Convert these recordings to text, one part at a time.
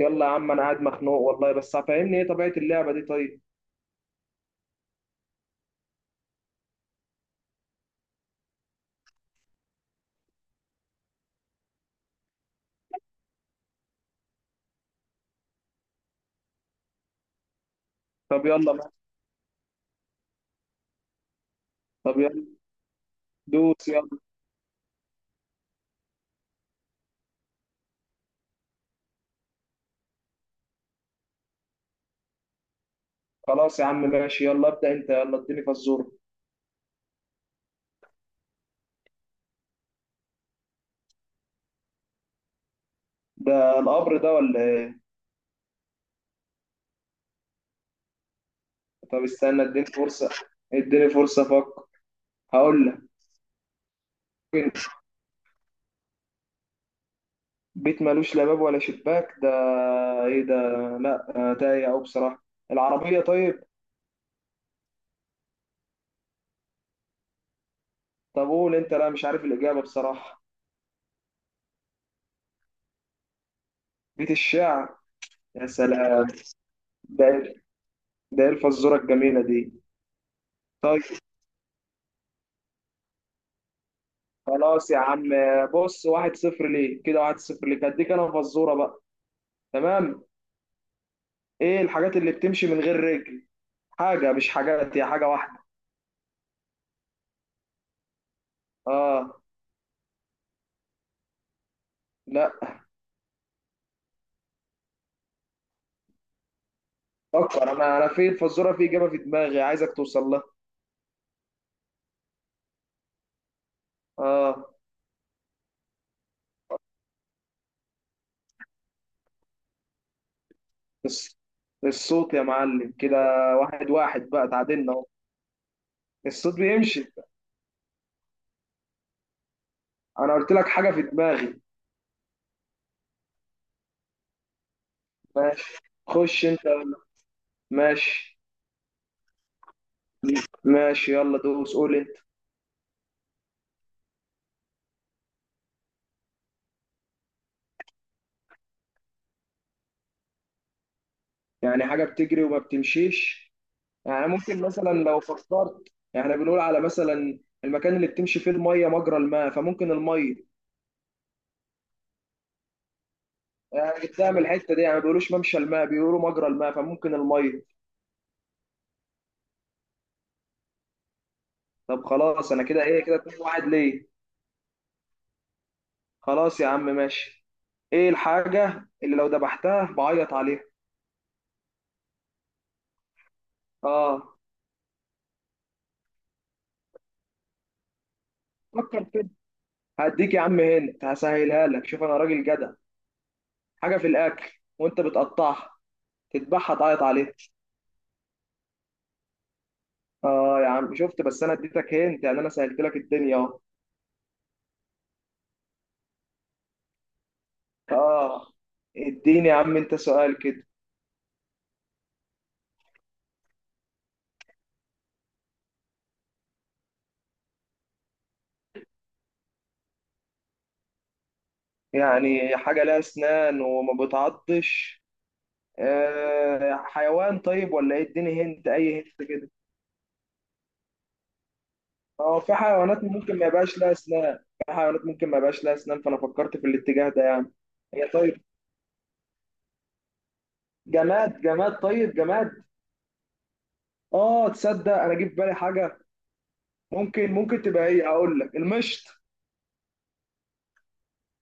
يلا يا عم، انا قاعد مخنوق والله، بس فاهمني ايه طبيعة اللعبة دي؟ طيب. طب يلا بقى. طب يلا. دوس يلا. خلاص يا عم، ماشي. يلا ابدأ انت، يلا اديني فزورة. ده القبر ده ولا ايه؟ طب استنى، اديني فرصة. اديني فرصة افكر. هقول لك. ممكن. بيت ملوش لا باب ولا شباك ده؟ ايه ده؟ لا، تايه او بصراحة. العربية؟ طيب. طب قول انت، لا مش عارف الإجابة بصراحة. بيت الشعر. يا سلام. ده إيه؟ ده ايه الفزورة الجميلة دي؟ طيب. خلاص يا عم. بص، 1-0 ليه كده، 1-0 ليك. هديك انا فزوره بقى. تمام. ايه الحاجات اللي بتمشي من غير رجل؟ حاجه، مش حاجات، هي حاجه واحده. اه. لا. فكر. انا في الفزوره، في اجابه في دماغي عايزك توصل لها. اه. الص- الصوت يا معلم كده. 1-1 بقى، تعادلنا اهو. الصوت بيمشي. انا قلت لك حاجه في دماغي. ماشي. خش انت. ماشي. ماشي، يلا دوس قول انت. يعني حاجه بتجري وما بتمشيش. يعني ممكن مثلا لو فكرت، يعني إحنا بنقول على مثلا المكان اللي بتمشي فيه الميه مجرى الماء، فممكن الميه. يعني جبتها من الحته دي، يعني ما بيقولوش ممشى الماء، بيقولوا مجرى الماء، فممكن الميه. طب خلاص، انا كده ايه؟ كده 2 واحد ليه. خلاص يا عم ماشي. ايه الحاجه اللي لو ذبحتها بعيط عليها؟ اه. فكر كده. هديك يا عم هنت، هسهلها لك. شوف انا راجل جدع. حاجه في الاكل. وانت بتقطعها. تذبحها تعيط عليها. اه يا عم، شفت؟ بس انا اديتك هنت، يعني انا سهلت لك الدنيا اهو. اه. اديني يا عم انت سؤال كده. يعني حاجة لها اسنان وما بتعضش. آه، حيوان طيب ولا ايه؟ اديني هنت، اي هنت كده. اه، في حيوانات ممكن ما يبقاش لها اسنان. في حيوانات ممكن ما يبقاش لها اسنان، فانا فكرت في الاتجاه ده يعني. هي؟ طيب. جماد، جماد؟ طيب، جماد. اه. تصدق انا جه في بالي حاجة. ممكن تبقى ايه؟ هقول لك المشط.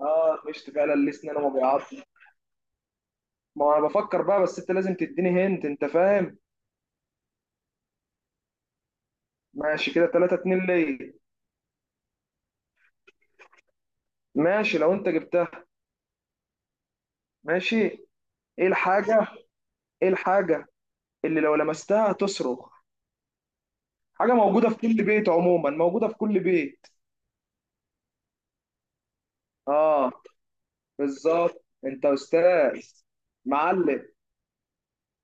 اه، المشط فعلا ليه اسنان وما بيعضش. ما انا بفكر بقى، بس انت لازم تديني هنت، انت فاهم. ماشي. كده 3-2 ليا. ماشي لو انت جبتها. ماشي. ايه الحاجة؟ ايه الحاجة اللي لو لمستها تصرخ؟ حاجة موجودة في كل بيت، عموما موجودة في كل بيت. اه. بالظبط، انت استاذ. معلم.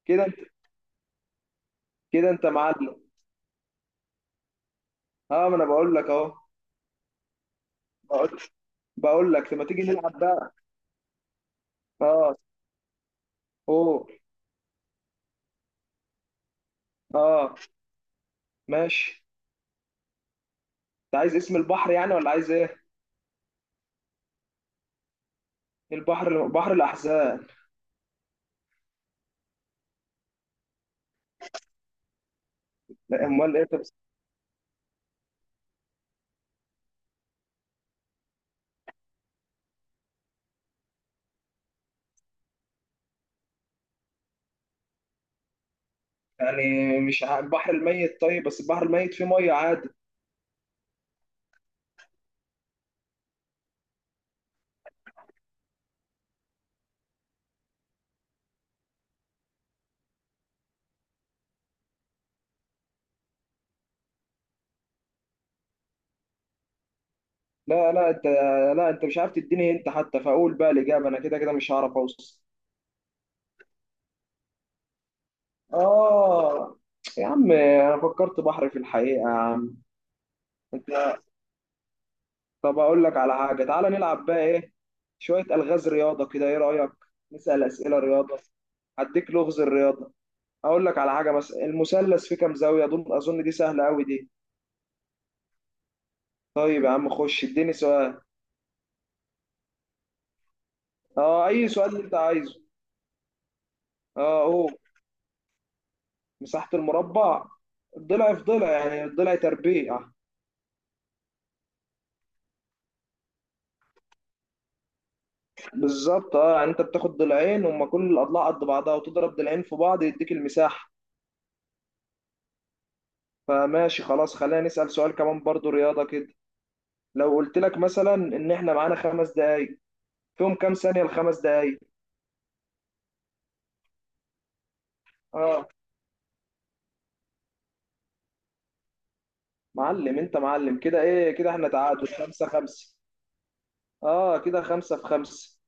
كده انت. كده انت معلم. اه، ما انا بقول لك اهو. بقول. بقول لك لما تيجي نلعب بقى. اه. اوه. اه. ماشي. انت عايز اسم البحر يعني ولا عايز ايه؟ البحر، بحر الاحزان. لا؟ امال ايه طب؟ يعني مش البحر الميت؟ طيب بس البحر الميت فيه ميه عادي. لا لا، انت. لا، انت مش عارف تديني انت، حتى فاقول بقى الاجابه. انا كده كده مش هعرف اوصل. اه يا عم، انا فكرت بحر في الحقيقه يا عم. انت. طب اقول لك على حاجه، تعالى نلعب بقى ايه، شويه الغاز رياضه كده، ايه رايك؟ نسال اسئله رياضه. هديك لغز الرياضه. اقول لك على حاجه مثلا، المثلث فيه كام زاويه؟ اظن دي سهله قوي دي. طيب يا عم، خش اديني سؤال. اه، اي سؤال اللي انت عايزه. اه. اوه. مساحه المربع، الضلع في ضلع، يعني الضلع تربيع. بالظبط. اه يعني انت بتاخد ضلعين، هما كل الاضلاع قد بعضها، وتضرب ضلعين في بعض يديك المساحه. فماشي خلاص، خلينا نسال سؤال كمان برضو رياضه كده. لو قلت لك مثلا ان احنا معانا 5 دقايق، فيهم كام ثانيه الخمس دقايق؟ اه. معلم، انت معلم. كده ايه كده؟ احنا تعادل 5-5. اه، كده خمسة في خمسة.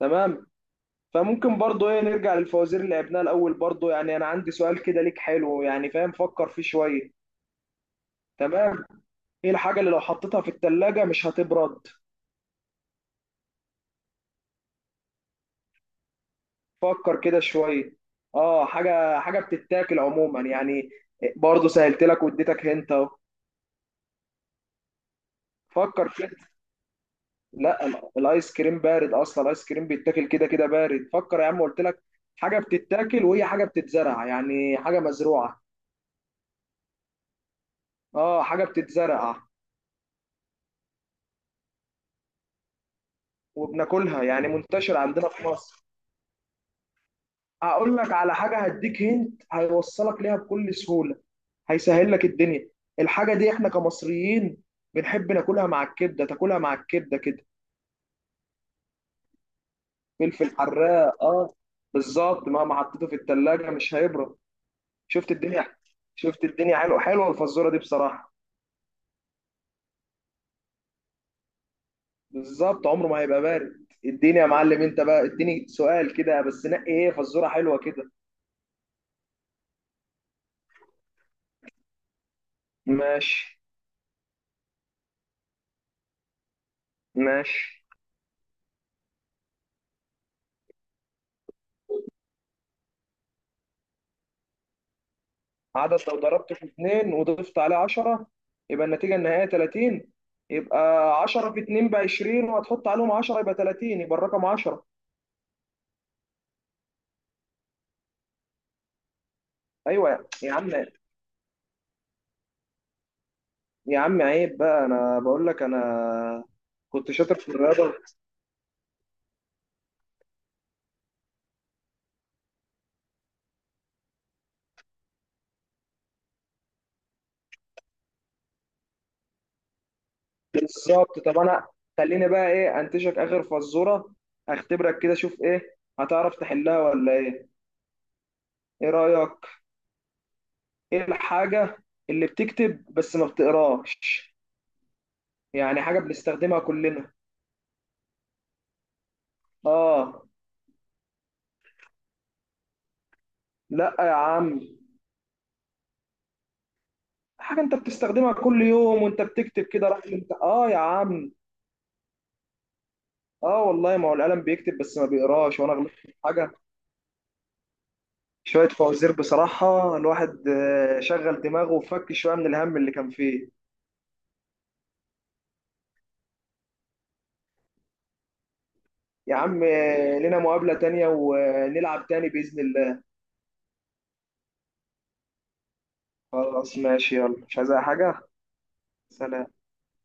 تمام. فممكن برضو ايه، نرجع للفوازير اللي لعبناها الاول برضو، يعني انا عندي سؤال كده ليك حلو، يعني فاهم، فكر فيه شويه. تمام. ايه الحاجه اللي لو حطيتها في الثلاجه مش هتبرد؟ فكر كده شويه. اه، حاجه بتتاكل عموما يعني. برضه سهلت لك واديتك هنت اهو. فكر كده. لا، الايس كريم بارد اصلا، الايس كريم بيتاكل كده كده بارد. فكر يا عم، قلت لك حاجه بتتاكل وهي حاجه بتتزرع، يعني حاجه مزروعه. اه، حاجه بتتزرع وبناكلها، يعني منتشر عندنا في مصر. هقول لك على حاجه هديك هنت هيوصلك ليها بكل سهوله، هيسهل لك الدنيا. الحاجه دي احنا كمصريين بنحب ناكلها مع الكبده، تاكلها مع الكبده كده. فلفل حراق، اه. بالظبط، مهما حطيته في التلاجة مش هيبرد. شفت الدنيا؟ شفت الدنيا؟ حلوه، حلوه الفزوره دي بصراحه. بالظبط، عمره ما هيبقى بارد. اديني يا معلم انت بقى، اديني سؤال كده بس، نقي ايه فزوره حلوه كده. ماشي. ماشي. عدد لو ضربته في 2 وضفت عليه 10، يبقى النتيجه النهائيه 30. يبقى 10 في 2 ب 20، وهتحط عليهم 10 يبقى 30، يبقى الرقم 10. ايوه يا عم. يا عم، عيب بقى، انا بقول لك انا كنت شاطر في الرياضه. بالظبط. طب انا، خليني بقى ايه انتشك اخر فزوره، اختبرك كده، شوف ايه هتعرف تحلها ولا ايه. ايه رايك؟ ايه الحاجه اللي بتكتب بس ما بتقراش؟ يعني حاجه بنستخدمها كلنا. اه. لا يا عم. حاجه انت بتستخدمها كل يوم وانت بتكتب كده، راح انت، اه يا عم. اه، والله، ما هو القلم بيكتب بس ما بيقراش، وانا غلطت في حاجه. شوية فوازير بصراحة، الواحد شغل دماغه وفك شوية من الهم اللي كان فيه. يا عم، لنا مقابلة تانية ونلعب تاني بإذن الله. خلاص ماشي، يلا مش عايز أي حاجة. سلام.